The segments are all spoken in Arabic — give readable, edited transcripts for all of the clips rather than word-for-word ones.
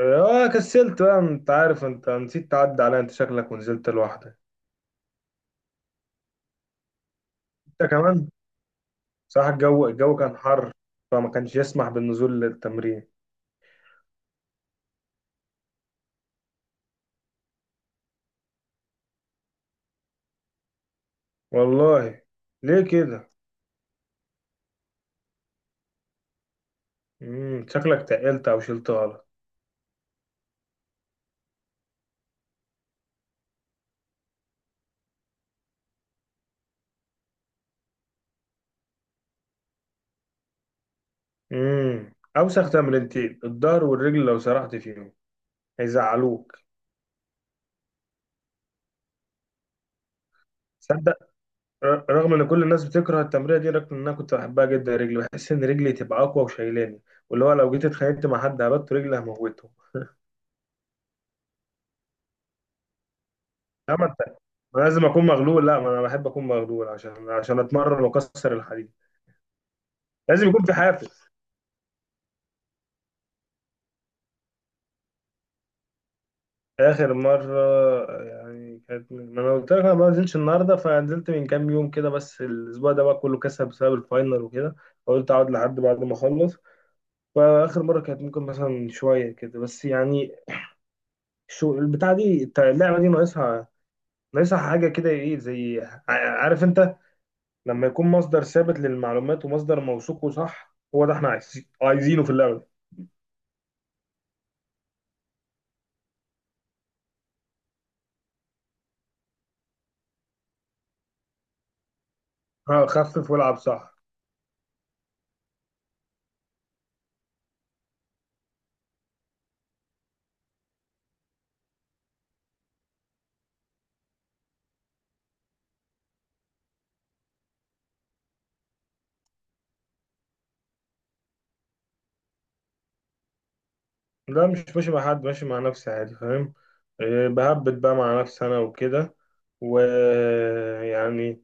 اه، كسلت بقى، انت عارف، انت نسيت تعدي عليا، انت شكلك ونزلت لوحدك. انت كمان. صراحة، الجو كان حر، فما كانش يسمح بالنزول للتمرين. والله، ليه كده؟ شكلك تقلت او شلت غلط. اوسخ تمرينتين الظهر والرجل، لو سرحت فيهم هيزعلوك. تصدق، رغم ان كل الناس بتكره التمرين دي، رغم ان انا كنت بحبها جدا، رجلي، بحس ان رجلي تبقى اقوى وشايلاني، واللي هو لو جيت اتخانقت مع حد هبت رجلي هموته. ما لازم اكون مغلول، لا ما انا بحب اكون مغلول عشان اتمرن واكسر الحديد. لازم يكون في حافز. اخر مره، يعني كانت ما انا قلت لك انا ما نزلتش النهارده، فنزلت من كام يوم كده، بس الاسبوع ده بقى كله كسب بسبب الفاينل وكده، فقلت اقعد لحد بعد ما اخلص. فاخر مره كانت ممكن مثلا شويه كده بس يعني. شو البتاع دي، اللعبه دي ناقصها، ناقصها حاجه كده ايه، زي عارف انت، لما يكون مصدر ثابت للمعلومات ومصدر موثوق وصح، هو ده احنا عايزينه في اللعبه. اه، خفف والعب صح. لا مش ماشي مع حد، ماشي مع نفسي عادي، فاهم. آه، بهبط بقى مع نفسي انا وكده، ويعني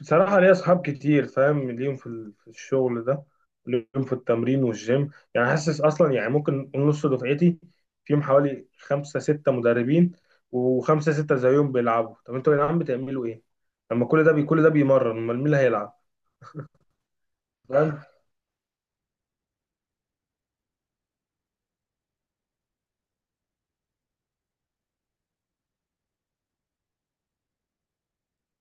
بصراحة ليا اصحاب كتير فاهم، ليهم في في الشغل ده، ليهم في التمرين والجيم. يعني حاسس اصلا، يعني ممكن نقول نص دفعتي فيهم حوالي خمسة ستة مدربين، وخمسة ستة زيهم بيلعبوا. طب انتوا يا جدعان بتعملوا ايه؟ لما كل ده كل ده بيمرن، امال مين اللي هيلعب؟ فاهم.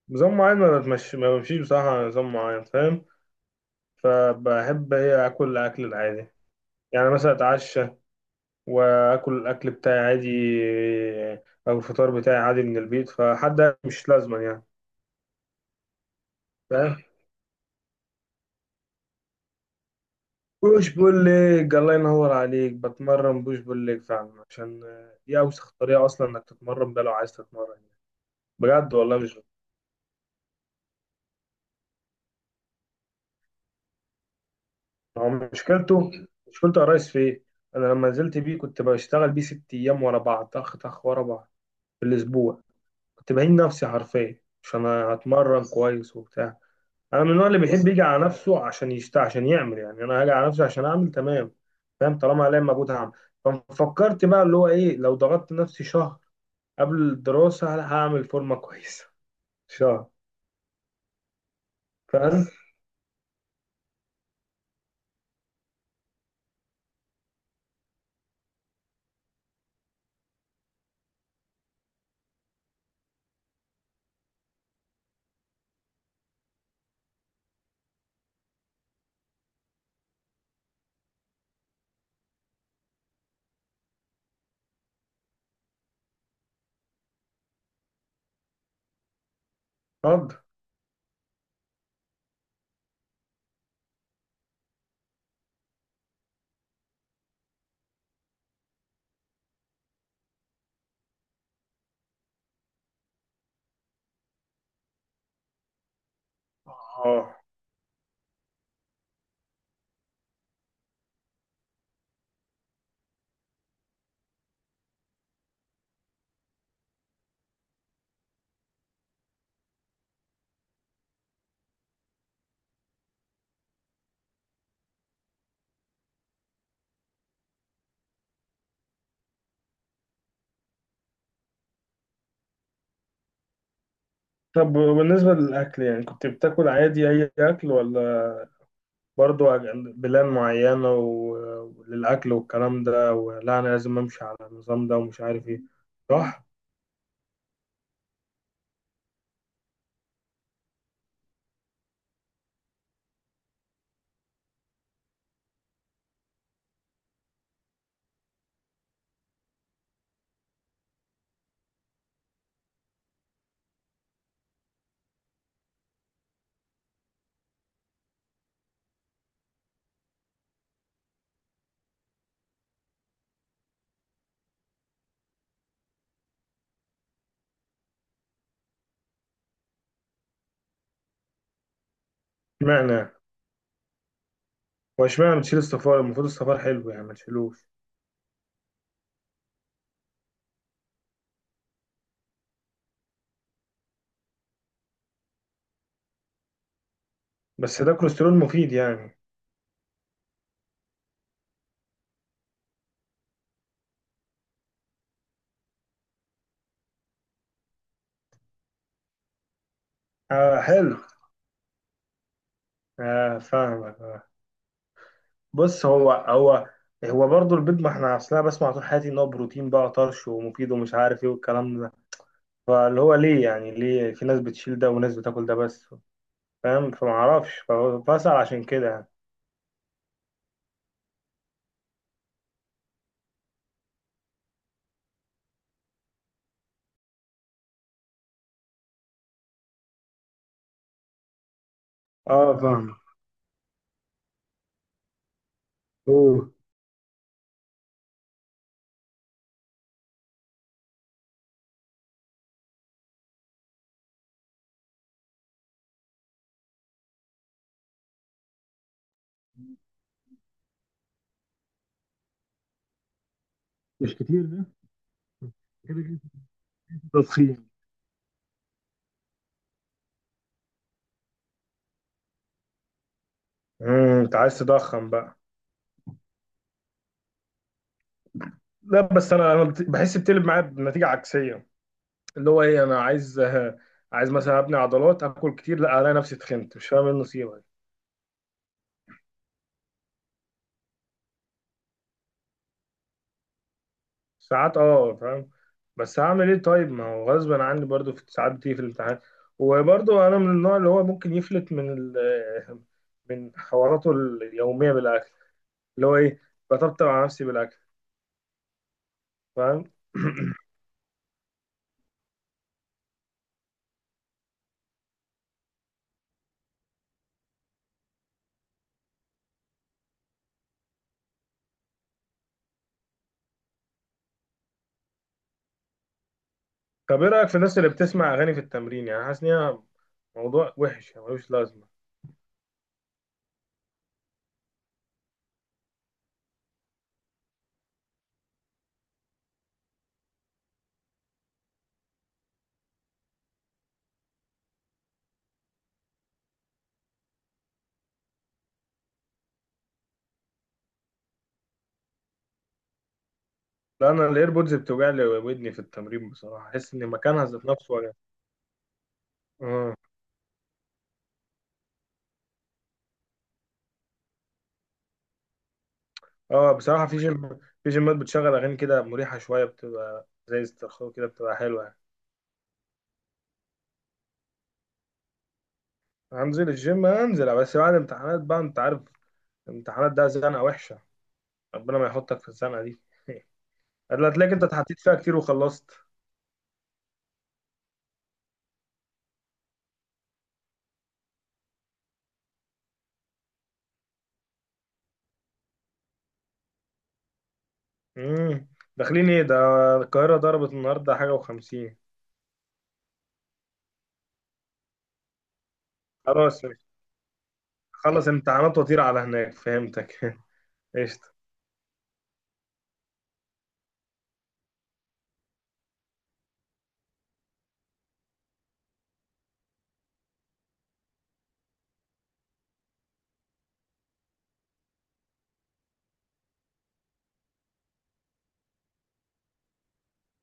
نظام معين، ما بمشيش بصراحة على نظام معين، فاهم. فبحب هي اكل الاكل العادي، يعني مثلا اتعشى واكل الاكل بتاعي عادي، او الفطار بتاعي عادي من البيت، فحد مش لازما يعني. فاهم. بوش بول ليج، الله ينور عليك، بتمرن بوش بول ليج فعلا، عشان دي اوسخ طريقه اصلا انك تتمرن بيها لو عايز تتمرن، بجد والله. مش هو مشكلته، مشكلته يا ريس في ايه؟ انا لما نزلت بيه كنت بشتغل بيه 6 ايام ورا بعض، طخ طخ ورا بعض، في الاسبوع. كنت بهين نفسي حرفيا عشان هتمرن كويس وبتاع. انا من النوع اللي بيحب يجي على نفسه عشان يشت، عشان يعمل، يعني انا هاجي على نفسي عشان اعمل تمام، فاهم، طالما عليا مجهود هعمل. ففكرت بقى اللي هو ايه، لو ضغطت نفسي شهر قبل الدراسه، لا، هعمل فورمه كويسه، شهر. فاهم. اتفضل. اه، طب وبالنسبه للاكل، يعني كنت بتاكل عادي اي اكل، ولا برضو بلان معينه وللاكل والكلام ده، ولا انا لازم امشي على النظام ده ومش عارف ايه، صح؟ اشمعنى، هو اشمعنى بتشيل الصفار؟ المفروض الصفار حلو يعني ما تشيلوش، بس ده كوليسترول مفيد يعني. آه، حلو، آه فاهمك، آه. بص، هو هو برضه البيض، ما احنا اصلا بسمع طول حياتي ان هو بروتين بقى طرش، ومفيد، ومش عارف ايه والكلام ده. فاللي هو ليه، يعني ليه في ناس بتشيل ده وناس بتاكل ده بس؟ فاهم، فما اعرفش، فبسأل عشان كده يعني. اه فاهم. اوه. مش كتير ده؟ كده كده. ده تضخيم. انت عايز تضخم بقى. لا بس، انا بحس بتقلب معايا بنتيجة عكسية، اللي هو ايه، انا عايز، عايز مثلا ابني عضلات، اكل كتيه، لا، الاقي نفسي اتخنت، مش فاهم ايه النصيبه دي. ساعات، اه فاهم، بس هعمل ايه طيب؟ ما هو غصب عني برضو، في ساعات بتيجي في الامتحان. وبرضو انا من النوع اللي هو ممكن يفلت من حواراته اليوميه بالاكل، اللي هو ايه، بطبطب على نفسي بالاكل، فاهم. طب ايه رايك في الناس اللي بتسمع اغاني في التمرين؟ يعني حاسس ان هي موضوع وحش يعني ملوش لازمه؟ لا، انا الايربودز بتوجع لي ودني في التمرين بصراحه، احس ان مكانها ذات نفسه وجع. آه. اه بصراحة في جيم، في جيمات بتشغل أغاني كده مريحة شوية، بتبقى زي استرخاء كده، بتبقى حلوة يعني. هنزل الجيم، هنزل بس بعد امتحانات بقى، أنت عارف الامتحانات ده زنقة وحشة، ربنا ما يحطك في الزنقة دي. هتلاقيك، تلاقيك أنت اتحطيت فيها كتير وخلصت. امم. داخلين إيه ده؟ القاهرة ضربت النهاردة حاجة وخمسين. خلاص، خلص امتحانات وطير على هناك، فهمتك. قشطة.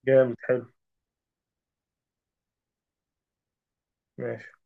جامد حلو. ماشي.